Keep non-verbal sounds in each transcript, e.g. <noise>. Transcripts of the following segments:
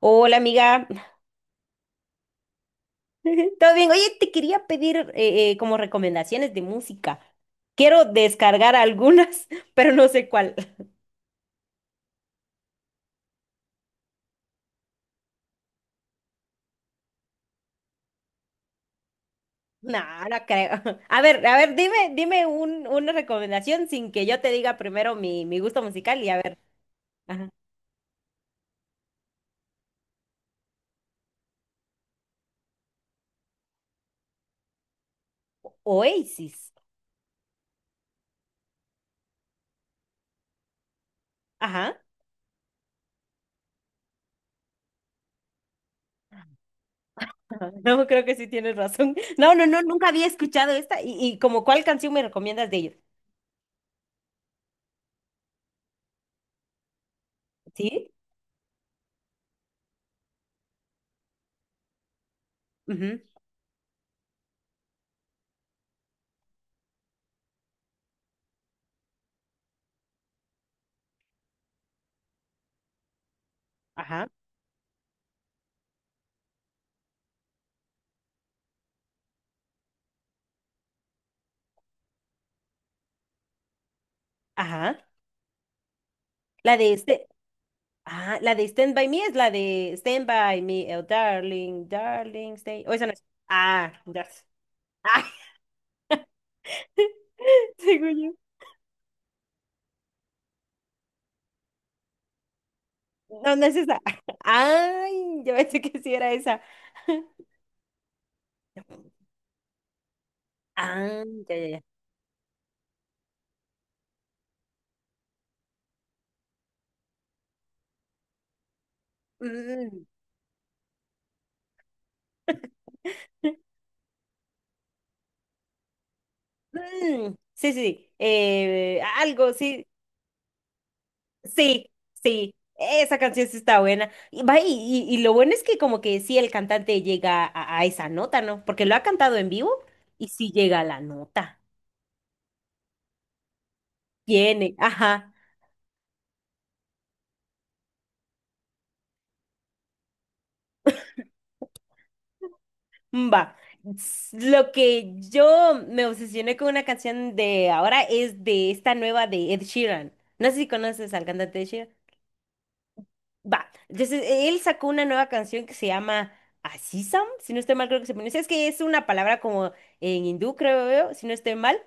Hola amiga, <laughs> ¿todo bien? Oye, te quería pedir como recomendaciones de música. Quiero descargar algunas, <laughs> pero no sé cuál. <laughs> No, no creo. <laughs> A ver, dime, dime una recomendación sin que yo te diga primero mi gusto musical y a ver. Ajá. Oasis. Ajá. Ajá. <laughs> No, creo que sí tienes razón. <laughs> No, no, no, nunca había escuchado esta. ¿Y como cuál canción me recomiendas de ellos? ¿Sí? Ujú. Ajá. Ajá. La de este. Ah, la de Stand By Me es la de Stand By Me, oh, darling, darling, stay. O esa no es. Ah, ya sé. Ay, <laughs> según yo. No, no es esa. <laughs> Ay, yo pensé que sí era esa. <laughs> Ah, ya, ya, ya. Mm, mm, sí, sí, sí. Algo, sí, sí, sí. Esa canción sí está buena. Y, va, y lo bueno es que como que sí el cantante llega a esa nota, ¿no? Porque lo ha cantado en vivo y sí llega a la nota. Tiene, ajá, va. Lo que yo me obsesioné con una canción de ahora es de esta nueva de Ed Sheeran. No sé si conoces al cantante Ed Sheeran. Va. Entonces, él sacó una nueva canción que se llama Asisam, si no estoy mal, creo que se pronuncia. Es que es una palabra como en hindú, creo yo, si no estoy mal.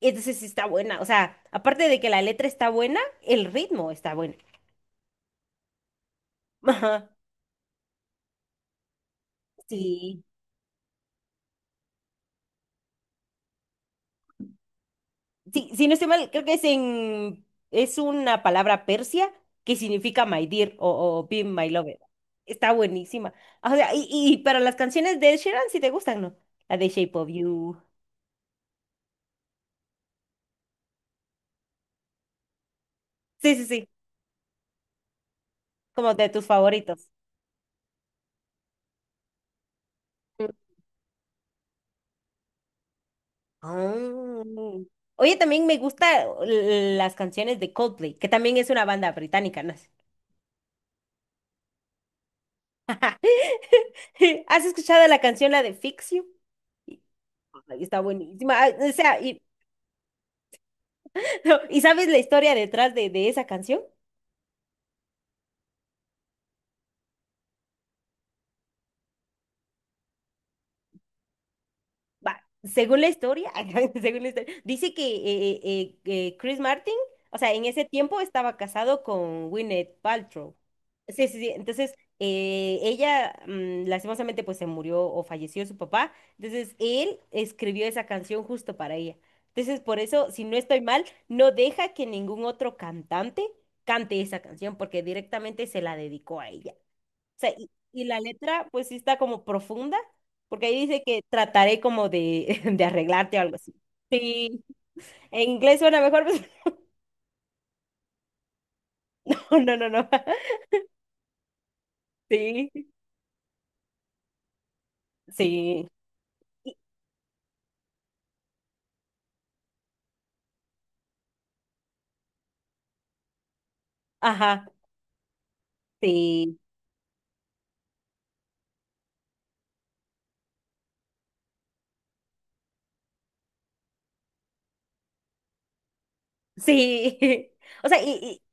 Entonces, sí está buena. O sea, aparte de que la letra está buena, el ritmo está bueno. <laughs> Ajá. Sí. Sí, si no estoy mal, creo que es una palabra persia que significa my dear o be my lover. Está buenísima. O sea, y para las canciones de Ed Sheeran, si te gustan, ¿no? La de Shape of You. Sí, sí, sí, como de tus favoritos. Ah. Oye, también me gusta las canciones de Coldplay, que también es una banda británica, ¿no? <laughs> ¿Has escuchado la canción, la de Fix You? Y- Está buenísima. Ah, o sea, <laughs> ¿Y sabes la historia detrás de esa canción? Va, según la historia, <laughs> según la historia, dice que Chris Martin, o sea, en ese tiempo estaba casado con Gwyneth Paltrow. Sí, sí, sí. Entonces, ella, lastimosamente, pues se murió o falleció su papá. Entonces, él escribió esa canción justo para ella. Entonces, por eso, si no estoy mal, no deja que ningún otro cantante cante esa canción, porque directamente se la dedicó a ella. Sea, y la letra pues sí está como profunda, porque ahí dice que trataré como de, <laughs> de arreglarte o algo así. Sí, en inglés suena mejor, <laughs> pero no, no, no. Sí, sí, y- ajá, sí, sí. <laughs> O sea,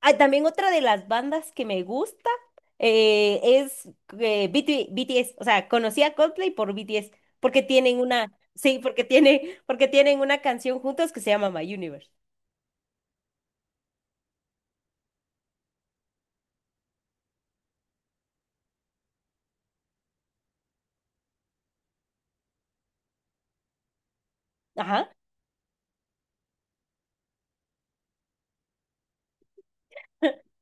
ah, también otra de las bandas que me gusta es B T S. O sea, conocí a Coldplay por B T S porque tienen una, sí, porque tienen una canción juntos que se llama My Universe. Ajá. <laughs>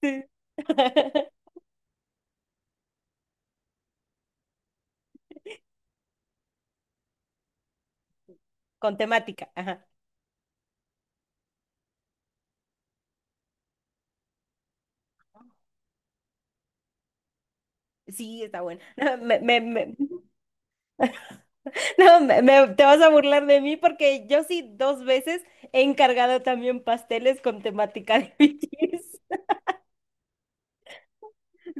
Sí. <laughs> Con temática. Ajá. Sí, está bueno. <laughs> No, <laughs> no, te vas a burlar de mí porque yo sí dos veces he encargado también pasteles con temática de bichis. <laughs>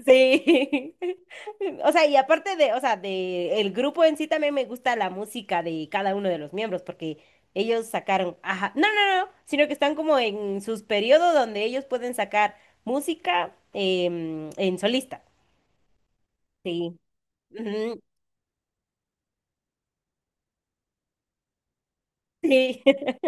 Sí. <laughs> O sea, y aparte de, o sea, de el grupo en sí también me gusta la música de cada uno de los miembros porque ellos sacaron, ajá, no, no, no, sino que están como en sus periodos donde ellos pueden sacar música en solista. Sí. Ujú, sí. <laughs>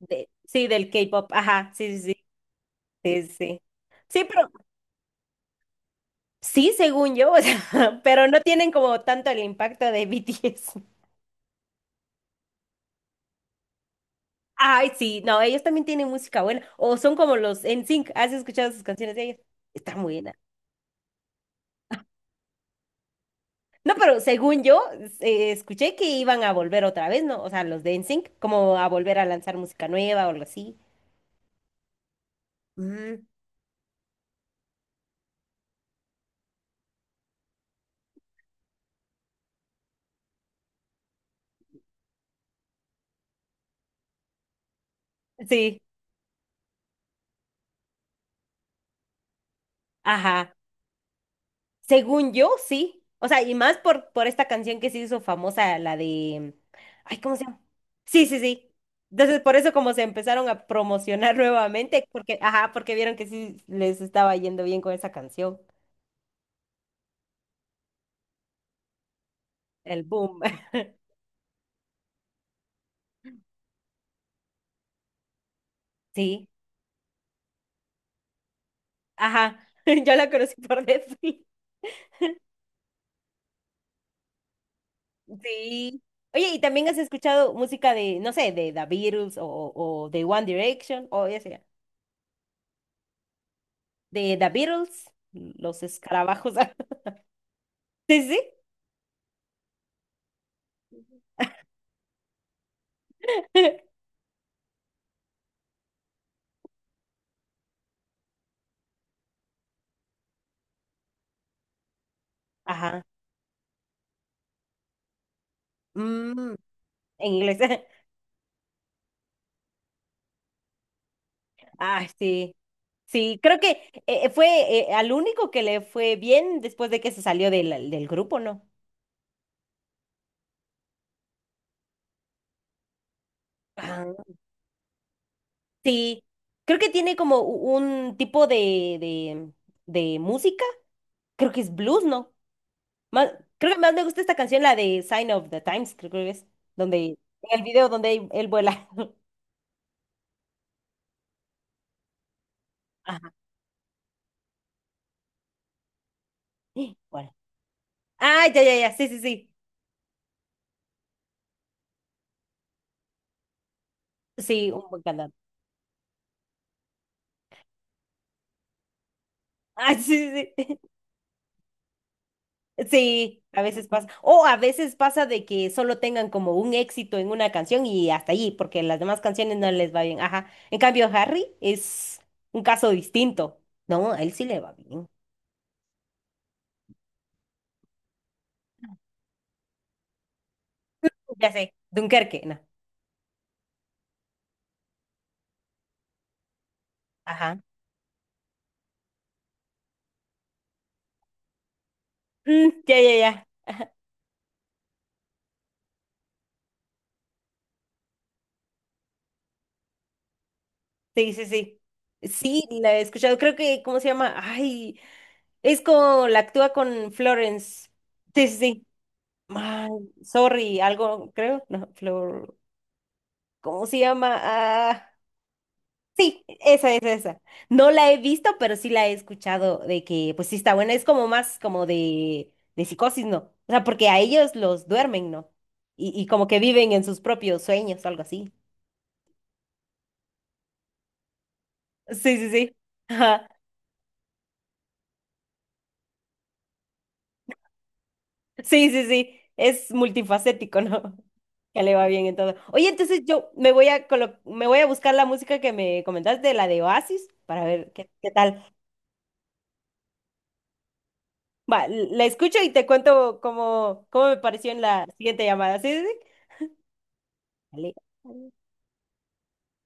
De, sí, del K-pop, ajá, sí, sí, sí, sí, sí. Sí, pero sí, según yo, o sea, <laughs> pero no tienen como tanto el impacto de BTS. Ay, sí, no, ellos también tienen música buena, o son como los NSYNC, ¿has escuchado sus canciones de ellos? Está muy buena. No, pero según yo, escuché que iban a volver otra vez, ¿no? O sea, los de NSYNC, como a volver a lanzar música nueva o algo así. Mm, sí, ajá. Según yo, sí. O sea, y más por esta canción que se hizo famosa, la de... Ay, ¿cómo se llama? Sí, sí, sí. Entonces, por eso como se empezaron a promocionar <laughs> nuevamente, porque, ajá, porque vieron que sí les estaba yendo bien con esa canción, el boom. <laughs> Sí, ajá. <laughs> Yo la conocí por <laughs> Netflix. Sí. Oye, ¿y también has escuchado música de, no sé, de The Beatles o de One Direction o ya sea, de The Beatles, los escarabajos? <laughs> Sí, sí. <laughs> Ajá. Mm, en inglés. <laughs> Ah, sí. Sí, creo que fue al único que le fue bien después de que se salió del grupo, ¿no? Ah, sí. Creo que tiene como un tipo de, de música. Creo que es blues, ¿no? Más, creo que más me gusta esta canción, la de Sign of the Times, creo que es. Donde, en el video donde él vuela. <laughs> Ajá. Bueno. Ah, ya, ya, ya. Sí, sí, sí. Sí, un buen cantante. <laughs> Ah, sí, sí. Sí. Sí, a veces pasa. O a veces pasa de que solo tengan como un éxito en una canción y hasta allí, porque las demás canciones no les va bien. Ajá. En cambio, Harry es un caso distinto. No, a él sí le va bien. Ya sé, Dunkerque, no. Ajá. Mm, ya, ya, ya. Sí, sí, sí. Sí, la he escuchado. Creo que, ¿cómo se llama? Ay, es como la actúa con Florence. Sí, sí, sí. Ay, sorry, algo, creo. No, Flor. ¿Cómo se llama? Ah, sí, esa es esa. No la he visto, pero sí la he escuchado de que, pues sí está buena. Es como más como de psicosis, ¿no? O sea, porque a ellos los duermen, ¿no? Y como que viven en sus propios sueños, algo así. Sí, sí, sí. <laughs> Ajá. Sí, sí, sí. Es multifacético, ¿no? <laughs> Que le va bien en todo. Oye, entonces yo me voy a buscar la música que me comentaste, la de Oasis, para ver qué tal. Va, la escucho y te cuento cómo me pareció en la siguiente llamada. ¿Sí? Sí, ¿sí? Vale.